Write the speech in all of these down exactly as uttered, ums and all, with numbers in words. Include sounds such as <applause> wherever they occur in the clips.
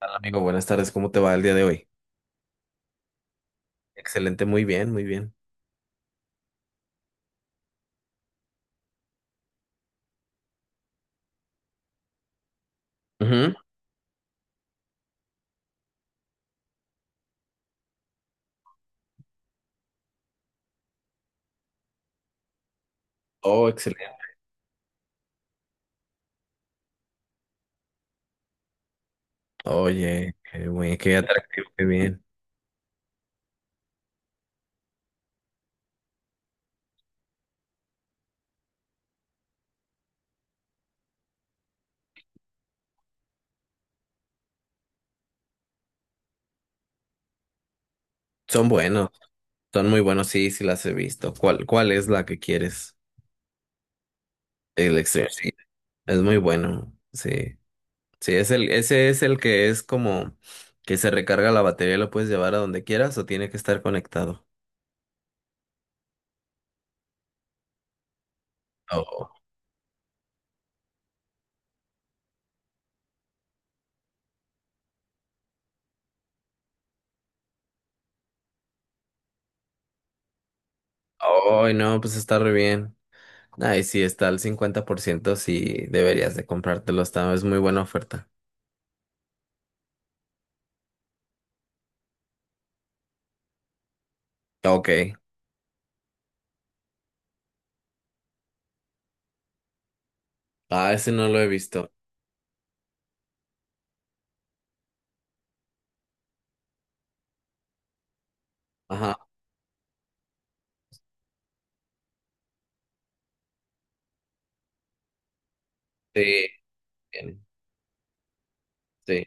Hola, amigo, buenas tardes. ¿Cómo te va el día de hoy? Excelente, muy bien, muy bien. Ujú. Oh, excelente. Oye, qué buen- qué atractivo, qué bien. Son buenos, son muy buenos, sí, sí las he visto. ¿Cuál, cuál es la que quieres? El extreme, sí. Es muy bueno, sí. Sí, es el, ese es el que es como que se recarga la batería y lo puedes llevar a donde quieras o tiene que estar conectado. Oh, oh, no, pues está re bien. Ay, sí, está al cincuenta por ciento, sí, deberías de comprártelo, está, es muy buena oferta. Ok. Ah, ese no lo he visto. Ajá. Sí, bien, sí.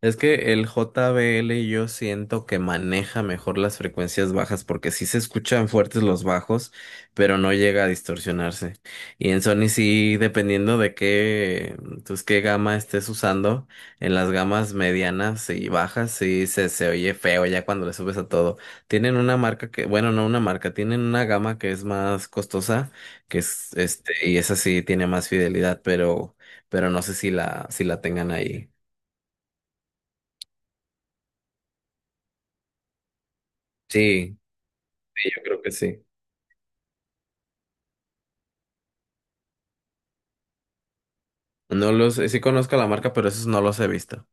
Es que el J B L yo siento que maneja mejor las frecuencias bajas porque sí se escuchan fuertes los bajos, pero no llega a distorsionarse. Y en Sony sí, dependiendo de qué, pues qué gama estés usando, en las gamas medianas y bajas sí se, se oye feo ya cuando le subes a todo. Tienen una marca que, bueno, no una marca, tienen una gama que es más costosa, que es este, y esa sí tiene más fidelidad, pero, pero no sé si la, si la tengan ahí. Sí, sí, yo creo que sí. No los, sí conozco la marca, pero esos no los he visto.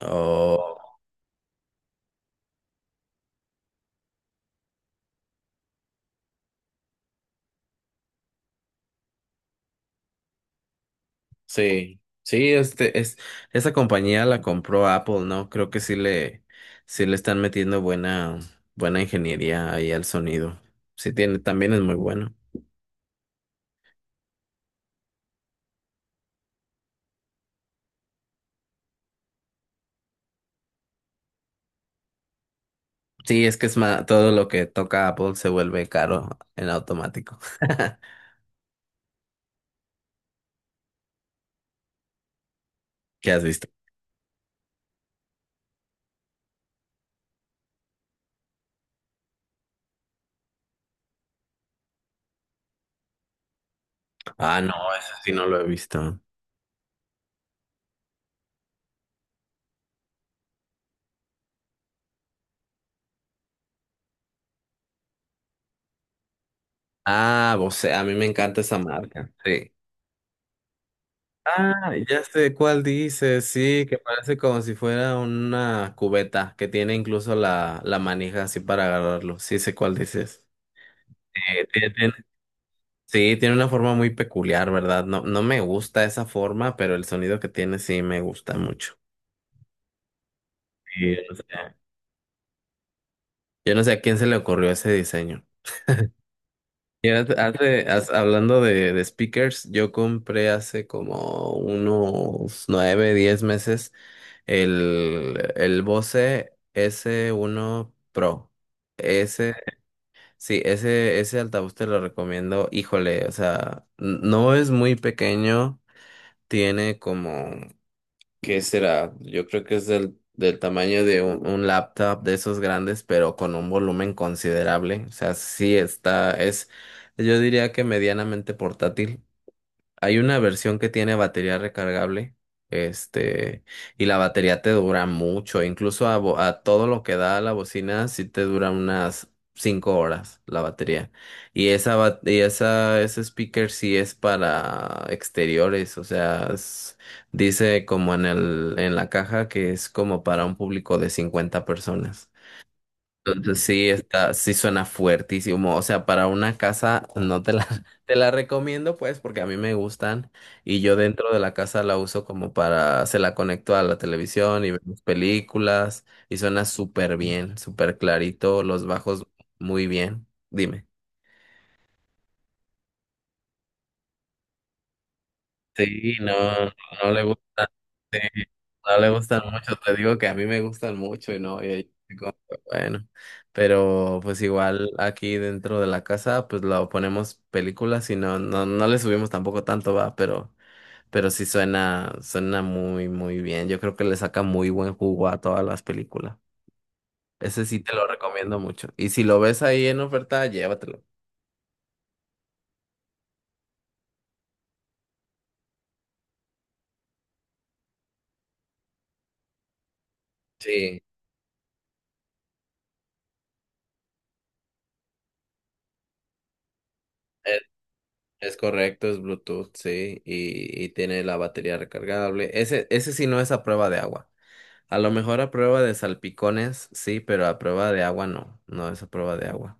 Oh, sí. Sí, este, es, esa compañía la compró Apple, ¿no? Creo que sí le, sí le están metiendo buena, buena ingeniería ahí al sonido. Sí tiene, también es muy bueno. Sí, es que es ma- todo lo que toca Apple se vuelve caro en automático. <laughs> ¿Qué has visto? Ah, no, eso sí no lo he visto. Ah, Bose, a mí me encanta esa marca. Sí. Ah, ya sé cuál dice, sí, que parece como si fuera una cubeta, que tiene incluso la, la manija así para agarrarlo. Sí, sé cuál dices. Eh, tiene- tiene- sí, tiene una forma muy peculiar, ¿verdad? No, no me gusta esa forma, pero el sonido que tiene sí me gusta mucho. Sí, yo no sé, yo no sé a quién se le ocurrió ese diseño. Y hace, hace- haz- hablando de, de speakers, yo compré hace como unos nueve, diez meses el, el Bose s uno Pro. Ese, sí, ese, ese altavoz te lo recomiendo. Híjole, o sea, n- no es muy pequeño, tiene como ¿qué será? Yo creo que es del, del tamaño de un, un laptop de esos grandes, pero con un volumen considerable. O sea, sí está, es, yo diría que medianamente portátil. Hay una versión que tiene batería recargable, este, y la batería te dura mucho, incluso a, bo- a todo lo que da la bocina, sí te dura unas cinco horas la batería. Y esa, ba- y esa, ese speaker sí es para exteriores, o sea, es- dice como en el, en la caja que es como para un público de cincuenta personas. Entonces, sí, está, sí suena fuertísimo. O sea, para una casa no te la, <laughs> te la recomiendo, pues, porque a mí me gustan, y yo dentro de la casa la uso como para, se la conecto a la televisión y vemos películas y suena súper bien, súper clarito, los bajos muy bien. Dime. Sí, no, no le gustan, sí, no le gustan mucho, te digo que a mí me gustan mucho y no, y ahí estoy como que, bueno, pero pues igual aquí dentro de la casa pues lo ponemos películas y no, no, no le subimos tampoco tanto, va, pero, pero sí suena, suena muy, muy bien, yo creo que le saca muy buen jugo a todas las películas, ese sí te lo recomiendo mucho, y si lo ves ahí en oferta, llévatelo. Sí, es correcto, es Bluetooth, sí, y, y tiene la batería recargable. Ese, ese sí no es a prueba de agua. A lo mejor a prueba de salpicones, sí, pero a prueba de agua no, no es a prueba de agua.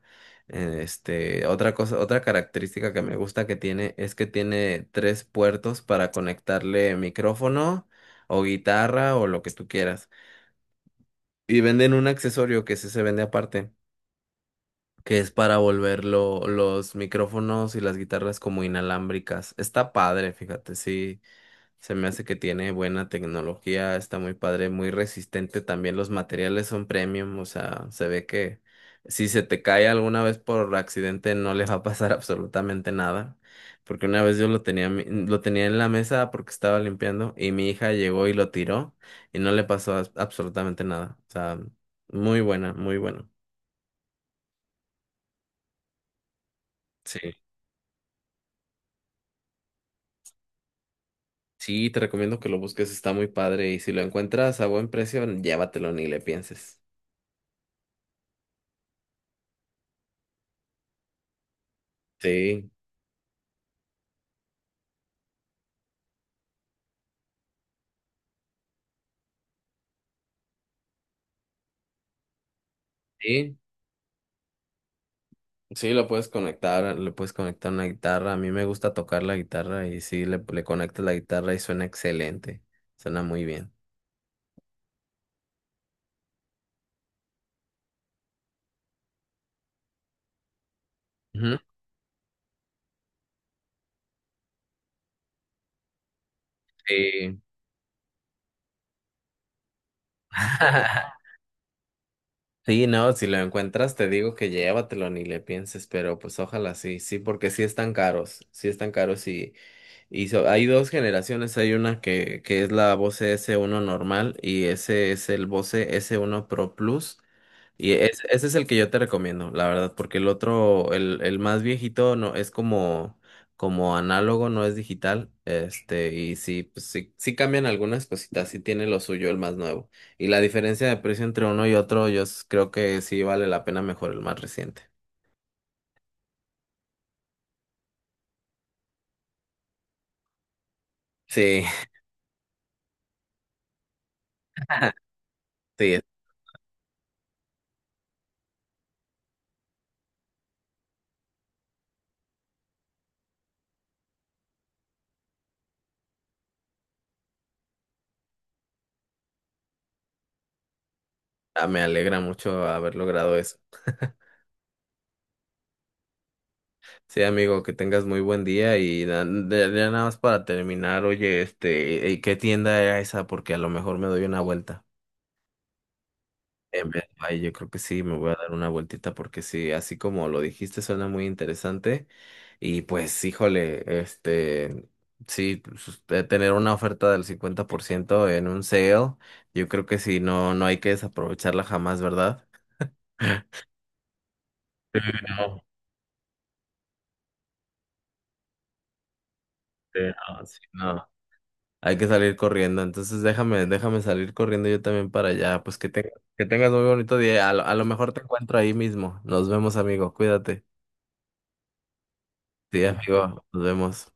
Eh, Este, otra cosa, otra característica que me gusta que tiene es que tiene tres puertos para conectarle micrófono o guitarra o lo que tú quieras. Y venden un accesorio que sí se vende aparte que es para volver lo- los micrófonos y las guitarras como inalámbricas. Está padre, fíjate, sí, se me hace que tiene buena tecnología, está muy padre, muy resistente también, los materiales son premium, o sea, se ve que si se te cae alguna vez por accidente no le va a pasar <laughs> absolutamente nada. Porque una vez yo lo tenía, en mi- lo tenía en la mesa porque estaba limpiando y mi hija llegó y lo tiró y no le pasó as- absolutamente nada. O sea, muy buena, muy buena. Sí. Sí, te recomiendo que lo busques, está muy padre y si lo encuentras a buen precio, llévatelo, ni le pienses. Sí, sí, sí, lo puedes conectar, le puedes conectar una guitarra. A mí me gusta tocar la guitarra y sí, le, le conectas la guitarra y suena excelente, suena muy bien. Ujú, sí. <laughs> Sí, no, si lo encuentras te digo que llévatelo, ni le pienses, pero pues ojalá sí, sí, porque sí están caros, sí están caros, y, y so- hay dos generaciones, hay una que, que es la Bose s uno normal y ese es el Bose s uno Pro Plus. Y es- ese es el que yo te recomiendo, la verdad, porque el otro, el, el más viejito, no, es como, como análogo, no es digital. Este, y sí, pues sí, sí cambian algunas cositas, sí tiene lo suyo el más nuevo. Y la diferencia de precio entre uno y otro, yo s- creo que sí vale la pena mejor el más reciente. Sí, <laughs> sí, ah, me alegra mucho haber logrado eso. <laughs> Sí, amigo, que tengas muy buen día y na- de- ya nada más para terminar, oye, este, ¿y ¿qué tienda era esa? Porque a lo mejor me doy una vuelta. En vez- ay, yo creo que sí, me voy a dar una vueltita porque sí, así como lo dijiste, suena muy interesante. Y pues, híjole, este, sí, pues, usted tener una oferta del cincuenta por ciento en un sale, yo creo que sí, no, no hay que desaprovecharla jamás, ¿verdad? <laughs> No, sí, no, sí, no. Hay que salir corriendo, entonces déjame, déjame salir corriendo yo también para allá. Pues que tenga- que tengas muy bonito día. A lo, a lo mejor te encuentro ahí mismo. Nos vemos, amigo. Cuídate. Sí, amigo. Nos vemos.